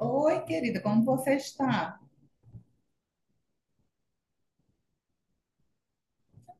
Oi, querida, como você está?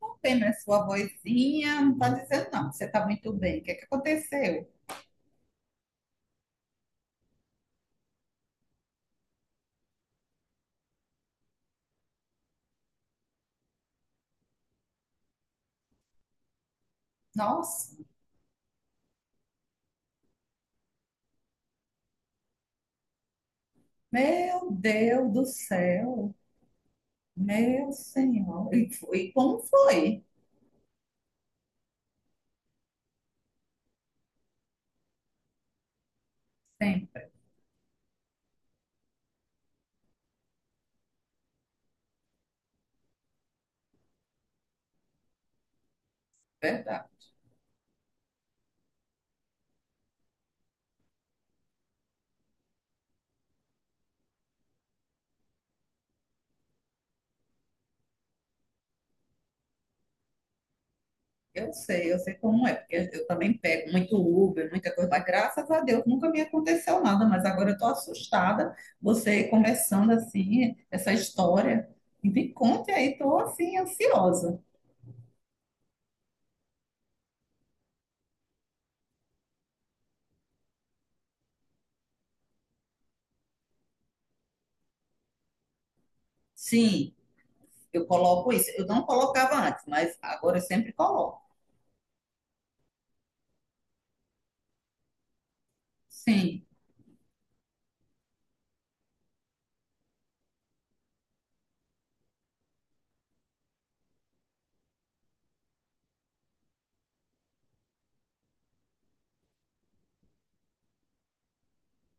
Não tem mais sua vozinha, não está dizendo não, que você está muito bem. O que é que aconteceu? Nossa, meu Deus do céu, meu Senhor. E, e como foi? Sempre, verdade. Eu sei como é, porque eu também pego muito Uber, muita coisa, mas graças a Deus nunca me aconteceu nada, mas agora eu estou assustada, você conversando assim, essa história. Me conte aí, estou assim, ansiosa. Sim. Eu coloco isso. Eu não colocava antes, mas agora eu sempre coloco. Sim,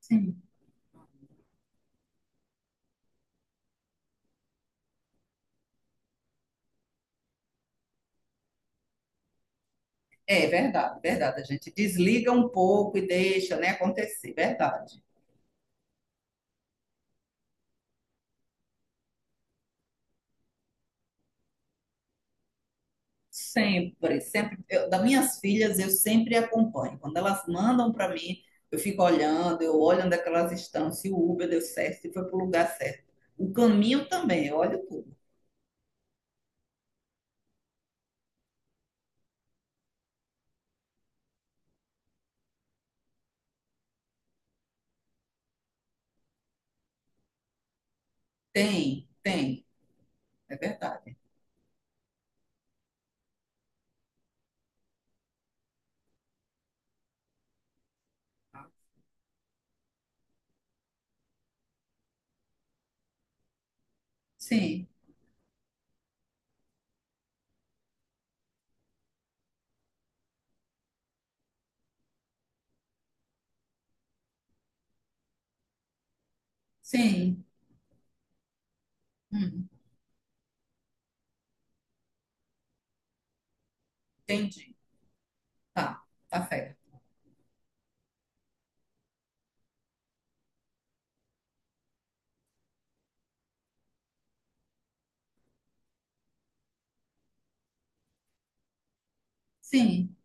sim. É verdade, verdade. A gente desliga um pouco e deixa, né, acontecer. Verdade. Sempre, sempre. Eu, das minhas filhas, eu sempre acompanho. Quando elas mandam para mim, eu fico olhando, eu olho onde é que elas estão, se o Uber deu certo, se foi para o lugar certo. O caminho também, eu olho tudo. Tem, tem. É verdade. Sim, sim. Hum, entendi. Tá, tá certo. Sim.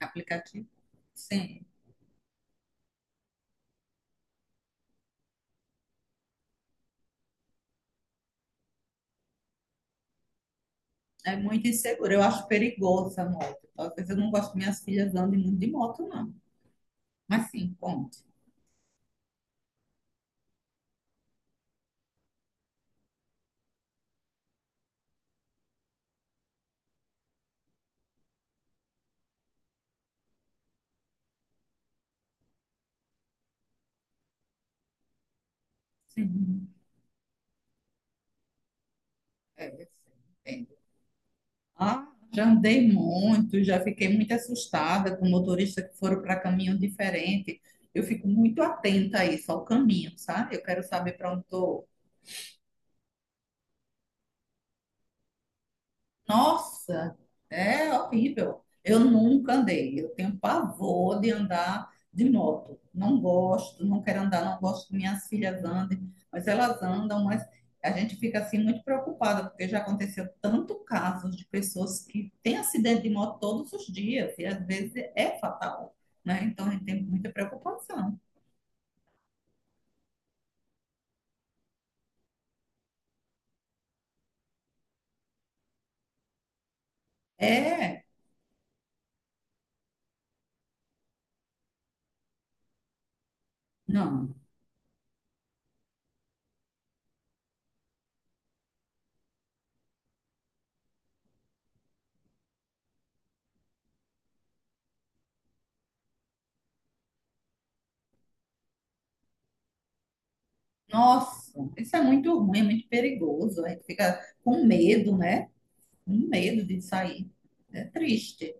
Aplicativo. Sim, é muito inseguro. Eu acho perigoso essa moto. Talvez eu não gosto que minhas filhas andem muito de moto, não. Mas sim, conte. Sim, é, sim, entendo. Ah, já andei muito, já fiquei muito assustada com motoristas que foram para caminho diferente. Eu fico muito atenta a isso, ao caminho, sabe? Eu quero saber para onde estou. Nossa, é horrível. Eu nunca andei. Eu tenho pavor de andar de moto. Não gosto, não quero andar, não gosto que minhas filhas andem, mas elas andam, mas a gente fica assim muito preocupada, porque já aconteceu tanto casos de pessoas que têm acidente de moto todos os dias, e às vezes é fatal, né? Então a gente tem muita preocupação. É, não. Nossa, isso é muito ruim, é muito perigoso. A gente fica com medo, né? Um medo de sair. É triste.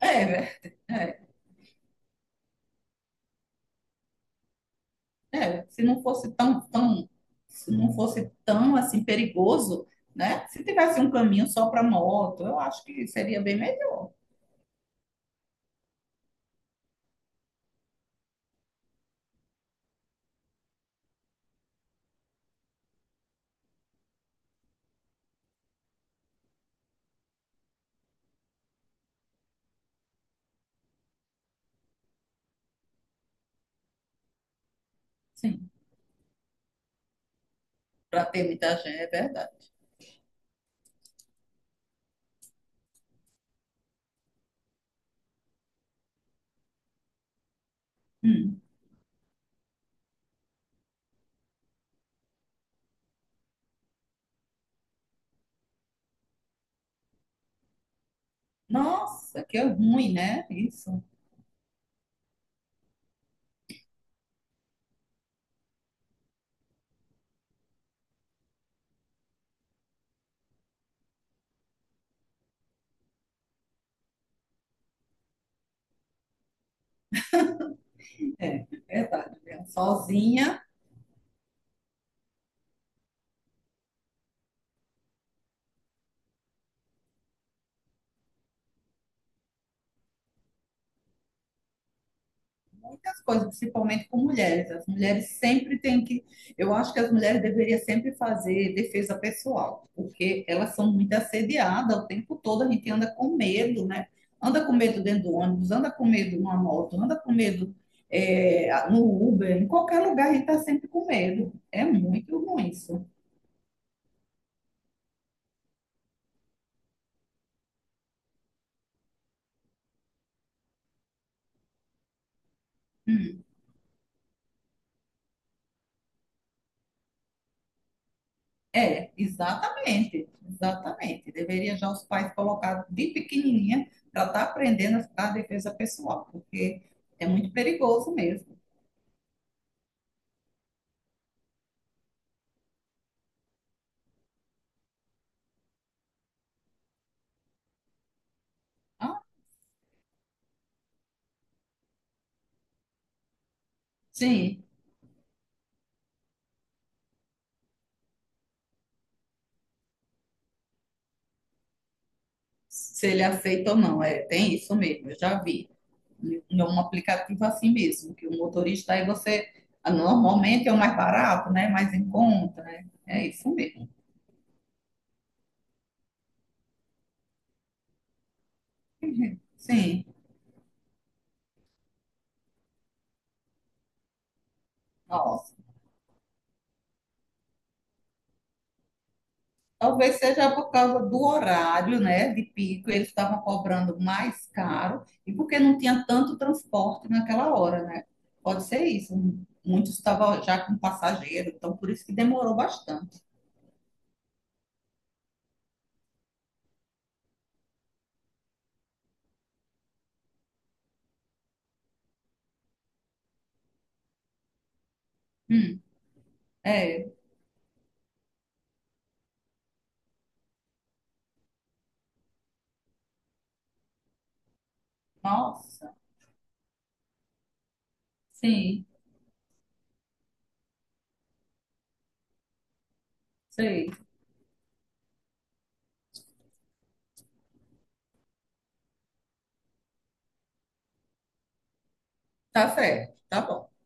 É, Werther, é, é. Se não fosse tão, tão, se não fosse tão assim perigoso, né? Se tivesse um caminho só para moto, eu acho que seria bem melhor. Sim, para ter muita gente, é verdade. Hum. Nossa, que ruim, né? Isso. É, é verdade. Mesmo. Sozinha. Muitas coisas, principalmente com mulheres. As mulheres sempre têm que. Eu acho que as mulheres deveriam sempre fazer defesa pessoal, porque elas são muito assediadas o tempo todo, a gente anda com medo, né? Anda com medo dentro do ônibus, anda com medo numa moto, anda com medo é, no Uber, em qualquer lugar a gente está sempre com medo. É muito ruim isso. Hum. É, exatamente, exatamente. Deveria já os pais colocar de pequenininha para estar aprendendo a defesa pessoal, porque é muito perigoso mesmo. Ah, sim, se ele aceita ou não, é, tem isso mesmo, eu já vi. Em um aplicativo assim mesmo, que o motorista aí você, ah, normalmente é o mais barato, né, mais em conta, né? É isso mesmo. Sim, talvez seja por causa do horário, né, de pico, eles estavam cobrando mais caro e porque não tinha tanto transporte naquela hora, né? Pode ser isso. Muitos estavam já com passageiro, então por isso que demorou bastante. Hum, é, nossa, sim, sei. Tá certo, tá bom.